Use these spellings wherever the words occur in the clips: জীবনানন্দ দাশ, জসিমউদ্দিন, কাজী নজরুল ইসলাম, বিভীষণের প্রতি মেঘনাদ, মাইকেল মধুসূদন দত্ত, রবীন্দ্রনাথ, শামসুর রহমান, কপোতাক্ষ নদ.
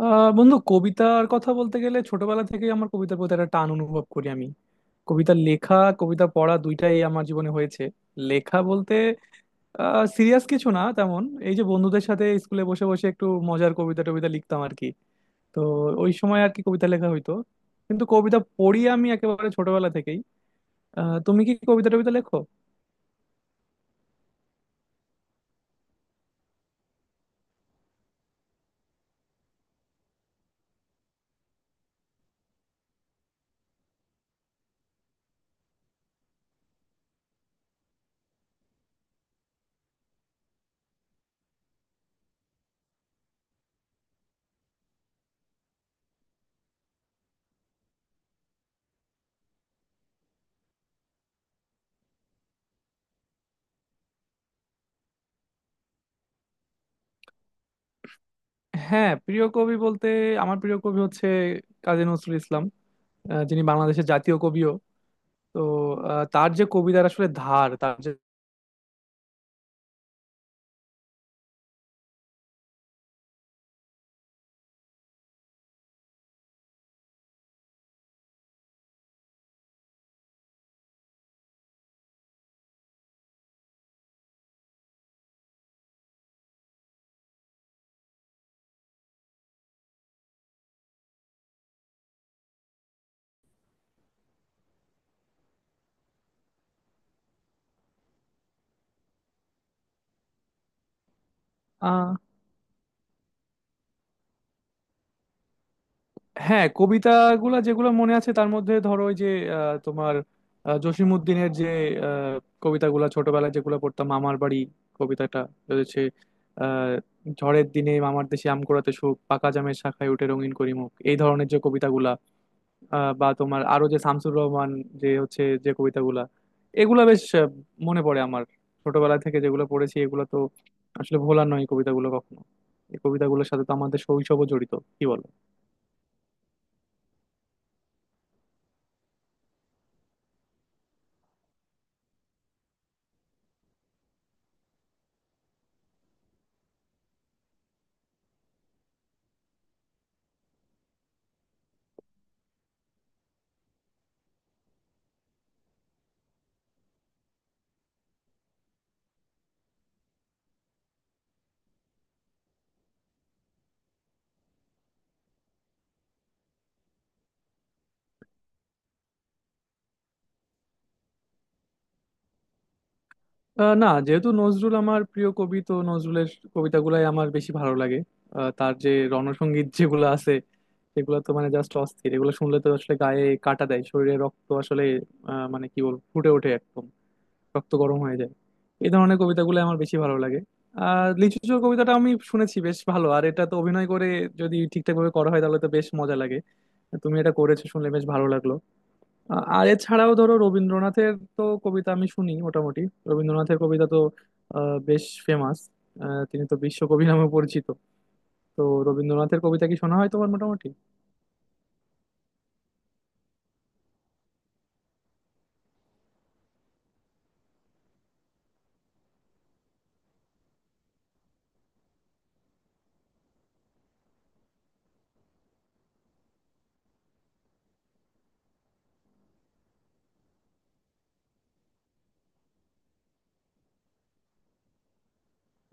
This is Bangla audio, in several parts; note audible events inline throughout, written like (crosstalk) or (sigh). বন্ধু, কবিতার কথা বলতে গেলে ছোটবেলা থেকেই আমার কবিতার প্রতি একটা টান অনুভব করি আমি। কবিতা লেখা কবিতা পড়া দুইটাই আমার জীবনে হয়েছে। লেখা বলতে সিরিয়াস কিছু না তেমন। এই যে বন্ধুদের সাথে স্কুলে বসে বসে একটু মজার কবিতা টবিতা লিখতাম আর কি। তো ওই সময় আর কি কবিতা লেখা হইতো। কিন্তু কবিতা পড়ি আমি একেবারে ছোটবেলা থেকেই। তুমি কি কবিতা টবিতা লেখো? হ্যাঁ, প্রিয় কবি বলতে আমার প্রিয় কবি হচ্ছে কাজী নজরুল ইসলাম। যিনি বাংলাদেশের জাতীয় কবিও। তো তার যে কবিতার আসলে ধার তার যে, আহ, হ্যাঁ কবিতাগুলো যেগুলো মনে আছে তার মধ্যে ধরো ওই যে তোমার জসিমউদ্দিনের যে আহ, কবিতাগুলো ছোটবেলায় যেগুলো পড়তাম, মামার বাড়ি কবিতাটা রয়েছে। আহ, ঝড়ের দিনে মামার দেশে আম কুড়াতে সুখ, পাকা জামের শাখায় উঠে রঙিন করি মুখ — এই ধরনের যে কবিতাগুলা। বা তোমার আরো যে শামসুর রহমান যে হচ্ছে যে কবিতাগুলা, এগুলা বেশ মনে পড়ে আমার। ছোটবেলা থেকে যেগুলো পড়েছি এগুলো তো আসলে ভোলার নয় এই কবিতাগুলো কখনো। এই কবিতাগুলোর সাথে তো আমাদের শৈশবও জড়িত, কি বলো? না, যেহেতু নজরুল আমার প্রিয় কবি তো নজরুলের কবিতাগুলাই আমার বেশি ভালো লাগে। তার যে রণসঙ্গীত যেগুলো আছে সেগুলো তো মানে জাস্ট অস্থির, এগুলো শুনলে তো আসলে গায়ে কাটা দেয়, শরীরে রক্ত আসলে মানে কি বলবো ফুটে ওঠে একদম, রক্ত গরম হয়ে যায়। এই ধরনের কবিতাগুলো আমার বেশি ভালো লাগে। আর লিচু চোর কবিতাটা আমি শুনেছি বেশ ভালো, আর এটা তো অভিনয় করে যদি ঠিকঠাক ভাবে করা হয় তাহলে তো বেশ মজা লাগে। তুমি এটা করেছো শুনলে বেশ ভালো লাগলো। আর এছাড়াও ধরো রবীন্দ্রনাথের তো কবিতা আমি শুনি মোটামুটি। রবীন্দ্রনাথের কবিতা তো বেশ ফেমাস, তিনি তো বিশ্বকবি নামে পরিচিত। তো রবীন্দ্রনাথের কবিতা কি শোনা হয় তোমার মোটামুটি?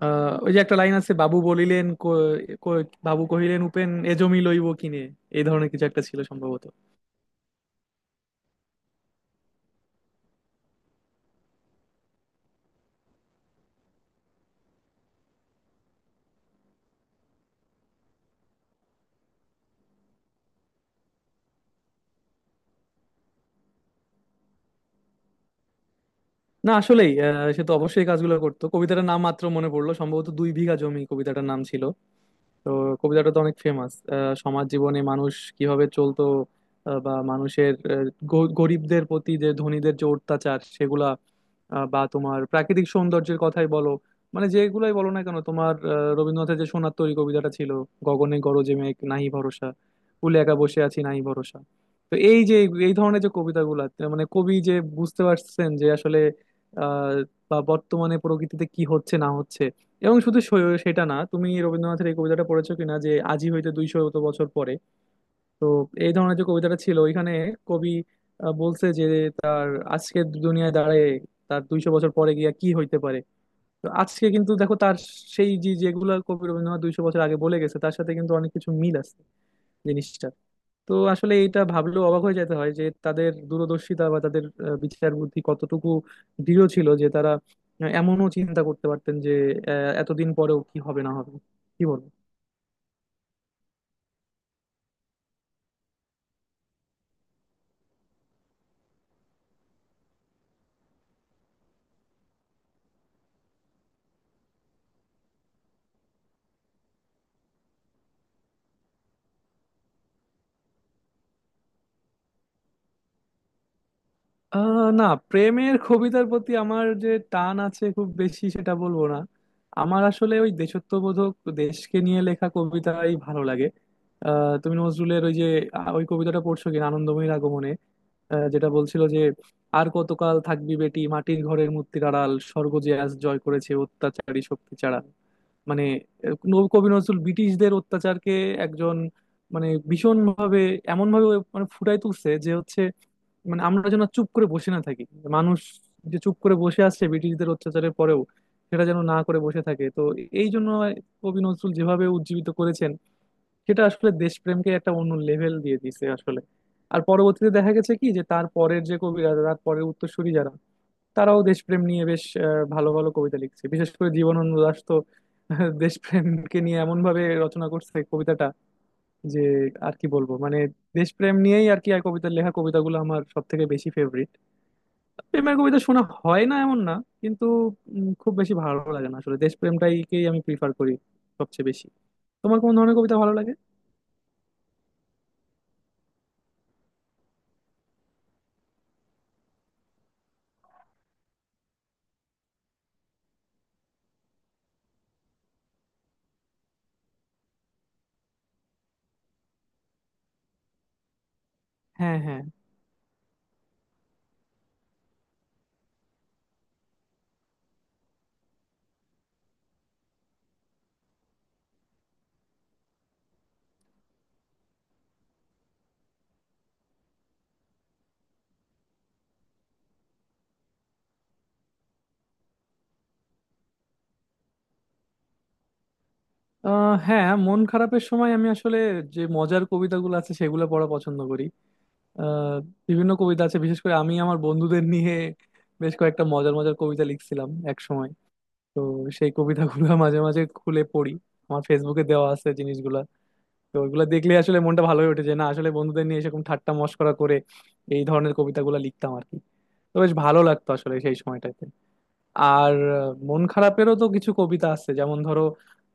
ওই যে একটা লাইন আছে, বাবু বলিলেন ক- ক- বাবু কহিলেন, উপেন এ জমি লইব কিনে। এই ধরনের কিছু একটা ছিল সম্ভবত। না, আসলেই সে তো অবশ্যই এই কাজগুলো করতো। কবিতাটার নাম মাত্র মনে পড়লো, সম্ভবত দুই বিঘা জমি কবিতাটার নাম ছিল। তো কবিতাটা তো অনেক ফেমাস। সমাজ জীবনে মানুষ কিভাবে চলতো, বা মানুষের গরিবদের প্রতি যে ধনীদের যে অত্যাচার সেগুলা, বা তোমার প্রাকৃতিক সৌন্দর্যের কথাই বলো, মানে যেগুলাই বলো না কেন তোমার রবীন্দ্রনাথের যে সোনার তরী কবিতাটা ছিল — গগনে গরজে মেঘ, নাহি ভরসা, কূলে একা বসে আছি নাহি ভরসা। তো এই যে এই ধরনের যে কবিতাগুলা মানে কবি যে বুঝতে পারছেন যে আসলে আহ বা বর্তমানে প্রকৃতিতে কি হচ্ছে না হচ্ছে। এবং শুধু সেটা না, তুমি রবীন্দ্রনাথের এই কবিতাটা পড়েছো কিনা যে আজি হইতে 200 বছর পরে? তো এই ধরনের যে কবিতাটা ছিল ওইখানে, কবি বলছে যে তার আজকের দুনিয়ায় দাঁড়ায় তার 200 বছর পরে গিয়া কি হইতে পারে। তো আজকে কিন্তু দেখো তার সেই যে যেগুলো কবি রবীন্দ্রনাথ 200 বছর আগে বলে গেছে তার সাথে কিন্তু অনেক কিছু মিল আছে জিনিসটা। তো আসলে এটা ভাবলেও অবাক হয়ে যেতে হয় যে তাদের দূরদর্শিতা বা তাদের বিচার বুদ্ধি কতটুকু দৃঢ় ছিল, যে তারা এমনও চিন্তা করতে পারতেন যে এতদিন পরেও কি হবে না হবে। কি বলবো। না, প্রেমের কবিতার প্রতি আমার যে টান আছে খুব বেশি সেটা বলবো না। আমার আসলে ওই দেশত্ববোধক, দেশকে নিয়ে লেখা কবিতাই ভালো লাগে। তুমি নজরুলের ওই যে ওই কবিতাটা পড়ছো কিনা আনন্দময়ীর আগমনে? যেটা বলছিল যে, আর কতকাল থাকবি বেটি মাটির ঘরের মূর্তির আড়াল, স্বর্গ যে আজ জয় করেছে অত্যাচারী শক্তি ছাড়া। মানে কবি নজরুল ব্রিটিশদের অত্যাচারকে একজন মানে ভীষণ ভাবে, এমন ভাবে মানে ফুটাই তুলছে যে হচ্ছে, মানে আমরা যেন আর চুপ করে বসে না থাকি। মানুষ যে চুপ করে বসে আসছে ব্রিটিশদের অত্যাচারের পরেও, সেটা যেন না করে বসে থাকে। তো এই জন্য কবি নজরুল যেভাবে উজ্জীবিত করেছেন সেটা আসলে দেশপ্রেমকে একটা অন্য লেভেল দিয়ে দিছে আসলে। আর পরবর্তীতে দেখা গেছে কি যে তার পরের যে কবিরা, তার পরের উত্তরসূরি যারা, তারাও দেশপ্রেম নিয়ে বেশ ভালো ভালো কবিতা লিখছে, বিশেষ করে জীবনানন্দ দাশ তো (laughs) দেশপ্রেমকে নিয়ে এমন ভাবে রচনা করছে কবিতাটা, যে আর কি বলবো মানে, দেশপ্রেম নিয়েই আর কি আর কবিতার লেখা কবিতাগুলো আমার সব থেকে বেশি ফেভারিট। প্রেমের কবিতা শোনা হয় না এমন না, কিন্তু খুব বেশি ভালো লাগে না আসলে, দেশপ্রেমটাইকেই আমি প্রিফার করি সবচেয়ে বেশি। তোমার কোন ধরনের কবিতা ভালো লাগে? হ্যাঁ, হ্যাঁ। হ্যাঁ, মন খারাপের সময় আমি আসলে যে মজার কবিতাগুলো আছে সেগুলো পড়া পছন্দ করি। আহ বিভিন্ন কবিতা আছে, বিশেষ করে আমি আমার বন্ধুদের নিয়ে বেশ কয়েকটা মজার মজার কবিতা লিখছিলাম এক সময়। তো সেই কবিতাগুলো (laughs) মাঝে মাঝে খুলে পড়ি, আমার ফেসবুকে দেওয়া আছে জিনিসগুলা। তো ওইগুলো দেখলে আসলে মনটা ভালো হয়ে ওঠে, যে না আসলে বন্ধুদের নিয়ে এরকম ঠাট্টা মশকরা করে এই ধরনের কবিতাগুলো লিখতাম আর কি। তো বেশ ভালো লাগতো আসলে সেই সময়টায়। আর মন খারাপেরও তো কিছু কবিতা আছে যেমন ধরো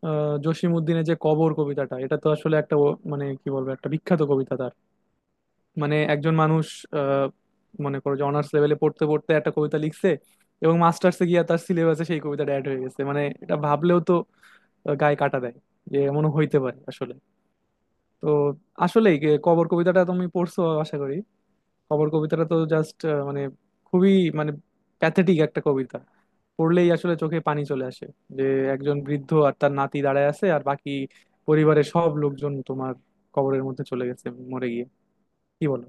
জসিম উদ্দিনের যে কবর কবিতাটা, এটা তো আসলে একটা মানে কি বলবো একটা বিখ্যাত কবিতা তার। মানে একজন মানুষ আহ মনে করো যে অনার্স লেভেলে পড়তে পড়তে একটা কবিতা লিখছে, এবং মাস্টার্সে গিয়ে তার সিলেবাসে সেই কবিতাটা অ্যাড হয়ে গেছে, মানে এটা ভাবলেও তো গায়ে কাটা দেয় যে এমন হইতে পারে আসলে। তো আসলেই কবর কবিতাটা তুমি পড়ছো আশা করি। খবর কবিতাটা তো জাস্ট মানে খুবই মানে প্যাথেটিক একটা কবিতা, পড়লেই আসলে চোখে পানি চলে আসে। যে একজন বৃদ্ধ আর তার নাতি দাঁড়ায় আছে, আর বাকি পরিবারের সব লোকজন তোমার কবরের মধ্যে চলে গেছে মরে গিয়ে। কি বলো?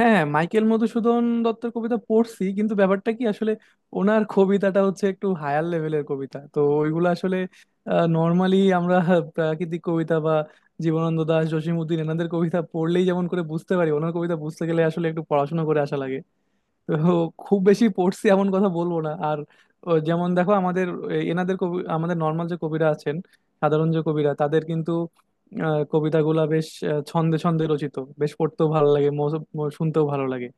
হ্যাঁ, মাইকেল মধুসূদন দত্তের কবিতা পড়ছি, কিন্তু ব্যাপারটা কি আসলে, ওনার কবিতাটা হচ্ছে একটু হায়ার লেভেলের কবিতা, তো ওইগুলো আসলে নর্মালি আমরা প্রাকৃতিক কবিতা বা জীবনানন্দ দাশ, জসিম উদ্দিন এনাদের কবিতা পড়লেই যেমন করে বুঝতে পারি, ওনার কবিতা বুঝতে গেলে আসলে একটু পড়াশোনা করে আসা লাগে। তো খুব বেশি পড়ছি এমন কথা বলবো না আর। ও যেমন দেখো আমাদের এনাদের কবি, আমাদের নর্মাল যে কবিরা আছেন, সাধারণ যে কবিরা তাদের কিন্তু কবিতাগুলা বেশ ছন্দে ছন্দে রচিত, বেশ পড়তেও ভালো লাগে শুনতেও ভালো লাগে।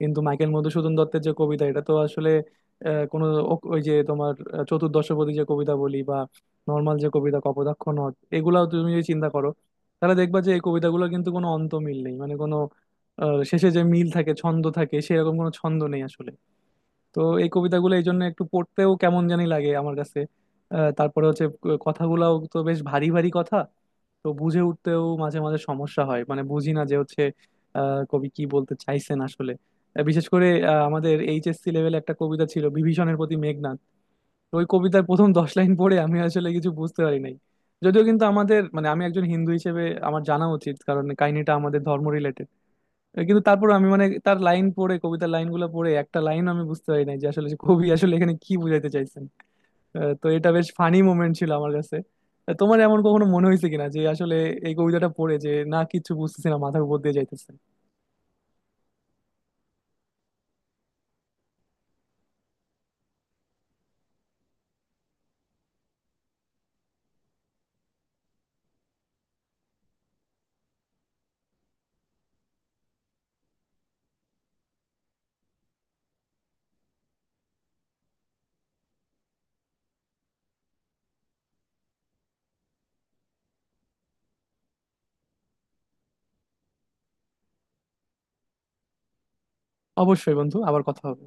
কিন্তু মাইকেল মধুসূদন দত্তের যে কবিতা, এটা তো আসলে কোনো ওই যে তোমার চতুর্দশপদী যে কবিতা বলি, বা নর্মাল যে কবিতা কপোতাক্ষ নদ, এগুলাও তুমি যদি চিন্তা করো তাহলে দেখবা যে এই কবিতাগুলো কিন্তু কোনো অন্ত মিল নেই, মানে শেষে যে মিল থাকে ছন্দ থাকে সেরকম কোনো ছন্দ নেই আসলে। তো এই কবিতাগুলো এই জন্য একটু পড়তেও কেমন জানি লাগে আমার কাছে। তারপরে হচ্ছে কথাগুলাও তো বেশ ভারী ভারী কথা, তো বুঝে উঠতেও মাঝে মাঝে সমস্যা হয়, মানে বুঝি না যে হচ্ছে কবি কি বলতে চাইছেন আসলে। বিশেষ করে আমাদের এইচএসসি লেভেলে একটা কবিতা ছিল বিভীষণের প্রতি মেঘনাদ, তো ওই কবিতার প্রথম 10 লাইন পড়ে আমি আসলে কিছু বুঝতে পারি নাই, যদিও কিন্তু আমাদের মানে আমি একজন হিন্দু হিসেবে আমার জানা উচিত কারণ কাহিনীটা আমাদের ধর্ম রিলেটেড। কিন্তু তারপর আমি, মানে তার লাইন পড়ে কবিতার লাইনগুলো পড়ে একটা লাইন আমি বুঝতে পারি নাই যে আসলে সে কবি আসলে এখানে কি বুঝাইতে চাইছেন। তো এটা বেশ ফানি মোমেন্ট ছিল আমার কাছে। তোমার এমন কখনো মনে হয়েছে কিনা যে আসলে এই কবিতাটা পড়ে যে না কিছু বুঝতেছি না, মাথার উপর দিয়ে যাইতেছে? অবশ্যই বন্ধু, আবার কথা হবে।